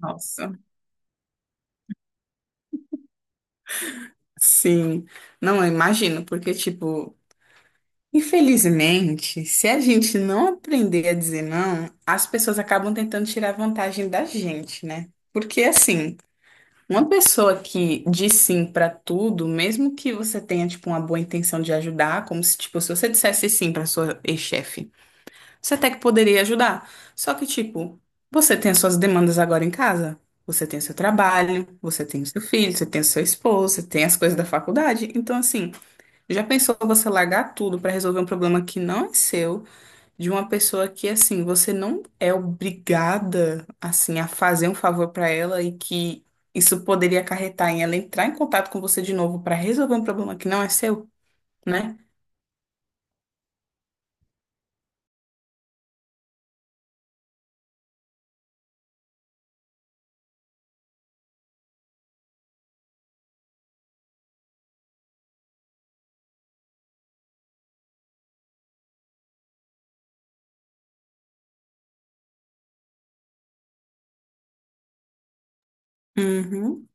Nossa, sim. Não, eu imagino, porque, tipo, infelizmente, se a gente não aprender a dizer não, as pessoas acabam tentando tirar vantagem da gente, né? Porque, assim, uma pessoa que diz sim pra tudo, mesmo que você tenha, tipo, uma boa intenção de ajudar, como se, tipo, se você dissesse sim pra sua ex-chefe. Você até que poderia ajudar. Só que, tipo, você tem as suas demandas agora em casa. Você tem o seu trabalho, você tem o seu filho, você tem o seu esposo, você tem as coisas da faculdade. Então, assim, já pensou você largar tudo pra resolver um problema que não é seu, de uma pessoa que, assim, você não é obrigada, assim, a fazer um favor pra ela e que isso poderia acarretar em ela entrar em contato com você de novo pra resolver um problema que não é seu, né? Uhum.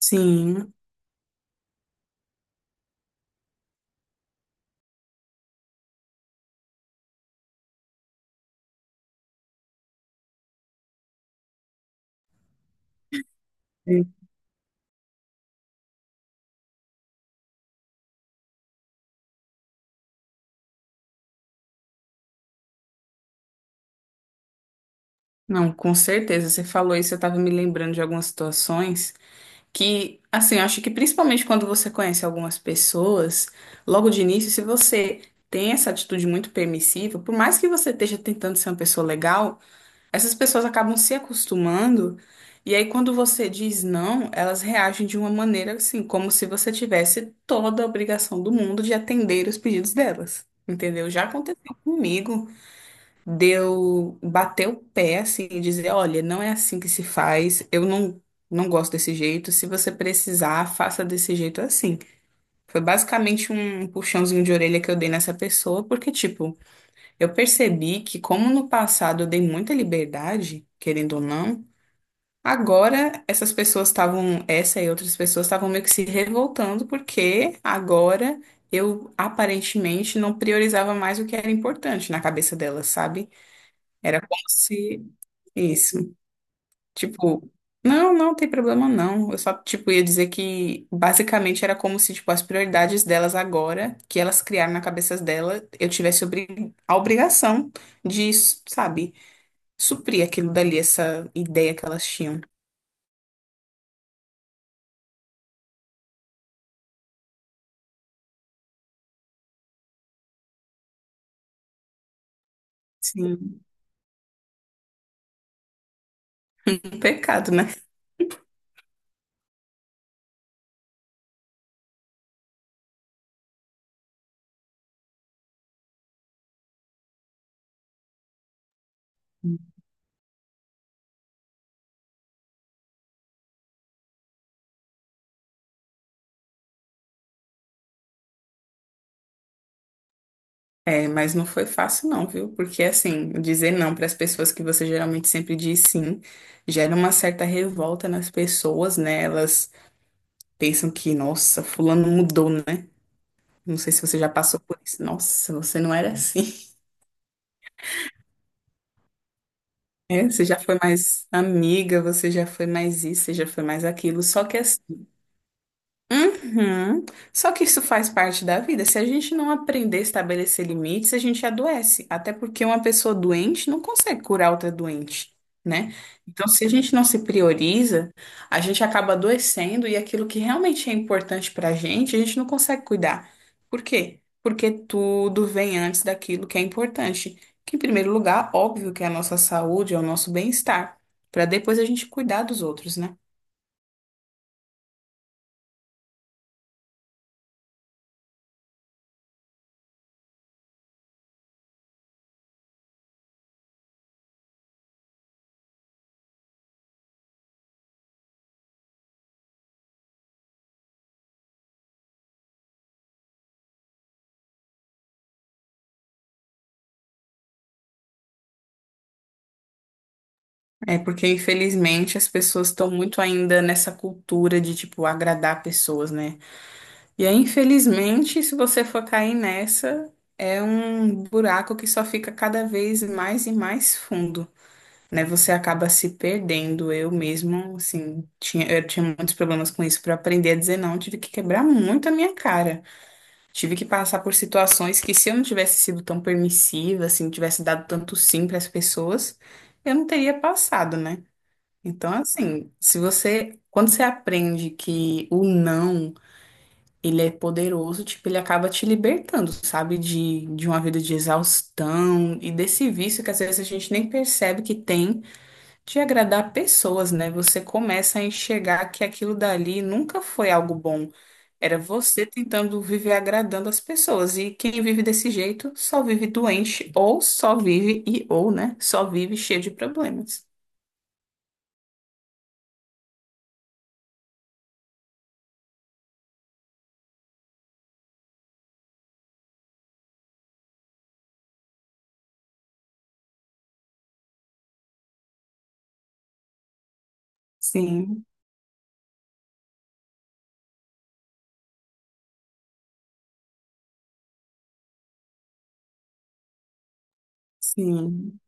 Sim. Não, com certeza. Você falou isso, eu estava me lembrando de algumas situações que, assim, eu acho que principalmente quando você conhece algumas pessoas, logo de início, se você tem essa atitude muito permissiva, por mais que você esteja tentando ser uma pessoa legal, essas pessoas acabam se acostumando, e aí quando você diz não, elas reagem de uma maneira assim, como se você tivesse toda a obrigação do mundo de atender os pedidos delas. Entendeu? Já aconteceu comigo deu bater o pé assim e dizer, olha, não é assim que se faz, eu não gosto desse jeito, se você precisar, faça desse jeito assim. Foi basicamente um puxãozinho de orelha que eu dei nessa pessoa, porque tipo, eu percebi que como no passado eu dei muita liberdade, querendo ou não, agora essa e outras pessoas estavam meio que se revoltando porque agora eu aparentemente não priorizava mais o que era importante na cabeça delas, sabe? Era como se isso. Tipo, não, não tem problema não. Eu só, tipo, ia dizer que basicamente era como se, tipo, as prioridades delas agora, que elas criaram na cabeça dela, eu tivesse obri- a obrigação de, sabe, suprir aquilo dali, essa ideia que elas tinham. Sim. Um pecado, né? É, mas não foi fácil não, viu? Porque assim, dizer não para as pessoas que você geralmente sempre diz sim, gera uma certa revolta nas pessoas, né? Elas pensam que, nossa, fulano mudou, né? Não sei se você já passou por isso. Nossa, você não era assim. É, você já foi mais amiga, você já foi mais isso, você já foi mais aquilo. Só que assim, uhum. Só que isso faz parte da vida. Se a gente não aprender a estabelecer limites, a gente adoece. Até porque uma pessoa doente não consegue curar outra doente, né? Então, se a gente não se prioriza, a gente acaba adoecendo e aquilo que realmente é importante pra gente, a gente não consegue cuidar. Por quê? Porque tudo vem antes daquilo que é importante. Que, em primeiro lugar, óbvio que é a nossa saúde, é o nosso bem-estar, para depois a gente cuidar dos outros, né? É porque, infelizmente, as pessoas estão muito ainda nessa cultura de, tipo, agradar pessoas, né? E aí, infelizmente, se você for cair nessa, é um buraco que só fica cada vez mais e mais fundo, né? Você acaba se perdendo. Eu mesmo, assim, eu tinha muitos problemas com isso. Para aprender a dizer não, tive que quebrar muito a minha cara. Tive que passar por situações que, se eu não tivesse sido tão permissiva, assim, tivesse dado tanto sim para as pessoas, eu não teria passado, né? Então, assim, se você, quando você aprende que o não, ele é poderoso, tipo, ele acaba te libertando, sabe, de uma vida de exaustão e desse vício que às vezes a gente nem percebe que tem de agradar pessoas, né? Você começa a enxergar que aquilo dali nunca foi algo bom. Era você tentando viver agradando as pessoas. E quem vive desse jeito só vive doente, ou só vive e ou, né? Só vive cheio de problemas. Sim, sim.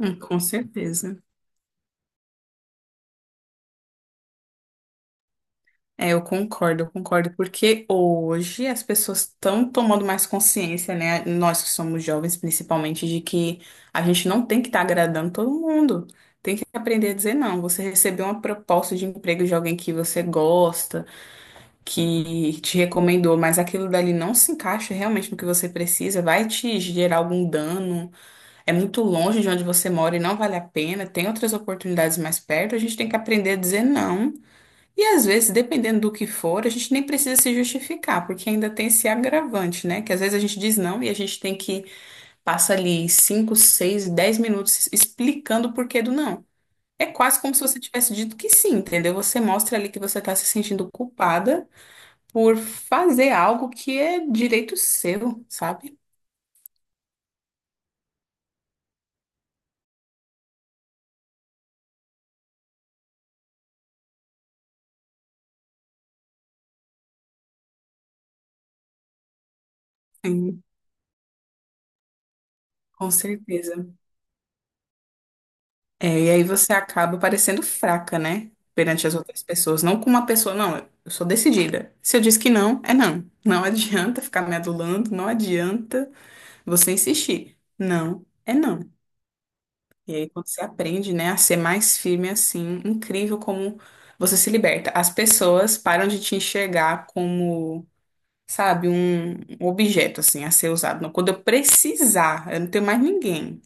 Com certeza. É, eu concordo, porque hoje as pessoas estão tomando mais consciência, né? Nós que somos jovens, principalmente, de que a gente não tem que estar agradando todo mundo. Tem que aprender a dizer não. Você recebeu uma proposta de emprego de alguém que você gosta, que te recomendou, mas aquilo dali não se encaixa realmente no que você precisa, vai te gerar algum dano, é muito longe de onde você mora e não vale a pena, tem outras oportunidades mais perto, a gente tem que aprender a dizer não. E às vezes, dependendo do que for, a gente nem precisa se justificar, porque ainda tem esse agravante, né? Que às vezes a gente diz não e a gente tem que passar ali 5, 6, 10 minutos explicando o porquê do não. É quase como se você tivesse dito que sim, entendeu? Você mostra ali que você está se sentindo culpada por fazer algo que é direito seu, sabe? Sim, com certeza. É, e aí você acaba parecendo fraca, né? Perante as outras pessoas. Não com uma pessoa, não, eu sou decidida. Se eu disse que não, é não. Não adianta ficar me adulando, não adianta você insistir. Não, é não. E aí quando você aprende, né, a ser mais firme assim, incrível como você se liberta. As pessoas param de te enxergar como, sabe, um objeto assim a ser usado. Não, quando eu precisar, eu não tenho mais ninguém.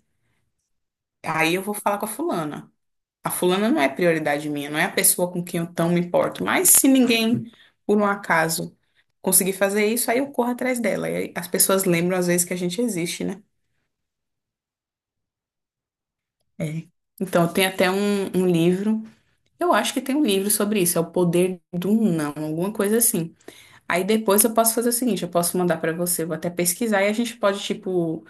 Aí eu vou falar com a fulana. A fulana não é prioridade minha, não é a pessoa com quem eu tão me importo. Mas se ninguém, por um acaso, conseguir fazer isso, aí eu corro atrás dela. E aí as pessoas lembram às vezes que a gente existe, né? É. Então, tem até um livro, eu acho que tem um livro sobre isso, é O Poder do Não, alguma coisa assim. Aí depois eu posso fazer o seguinte, eu posso mandar pra você, eu vou até pesquisar e a gente pode, tipo,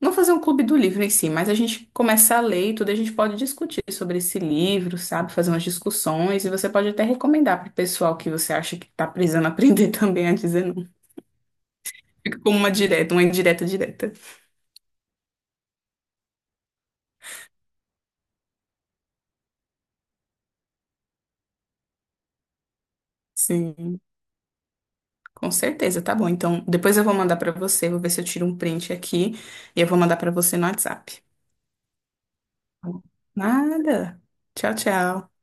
não fazer um clube do livro em si, mas a gente começar a ler e tudo, a gente pode discutir sobre esse livro, sabe? Fazer umas discussões e você pode até recomendar para o pessoal que você acha que está precisando aprender também a dizer não. Fica como uma direta, uma indireta direta. Sim, com certeza, tá bom. Então, depois eu vou mandar para você, vou ver se eu tiro um print aqui e eu vou mandar para você no WhatsApp. Nada. Tchau, tchau.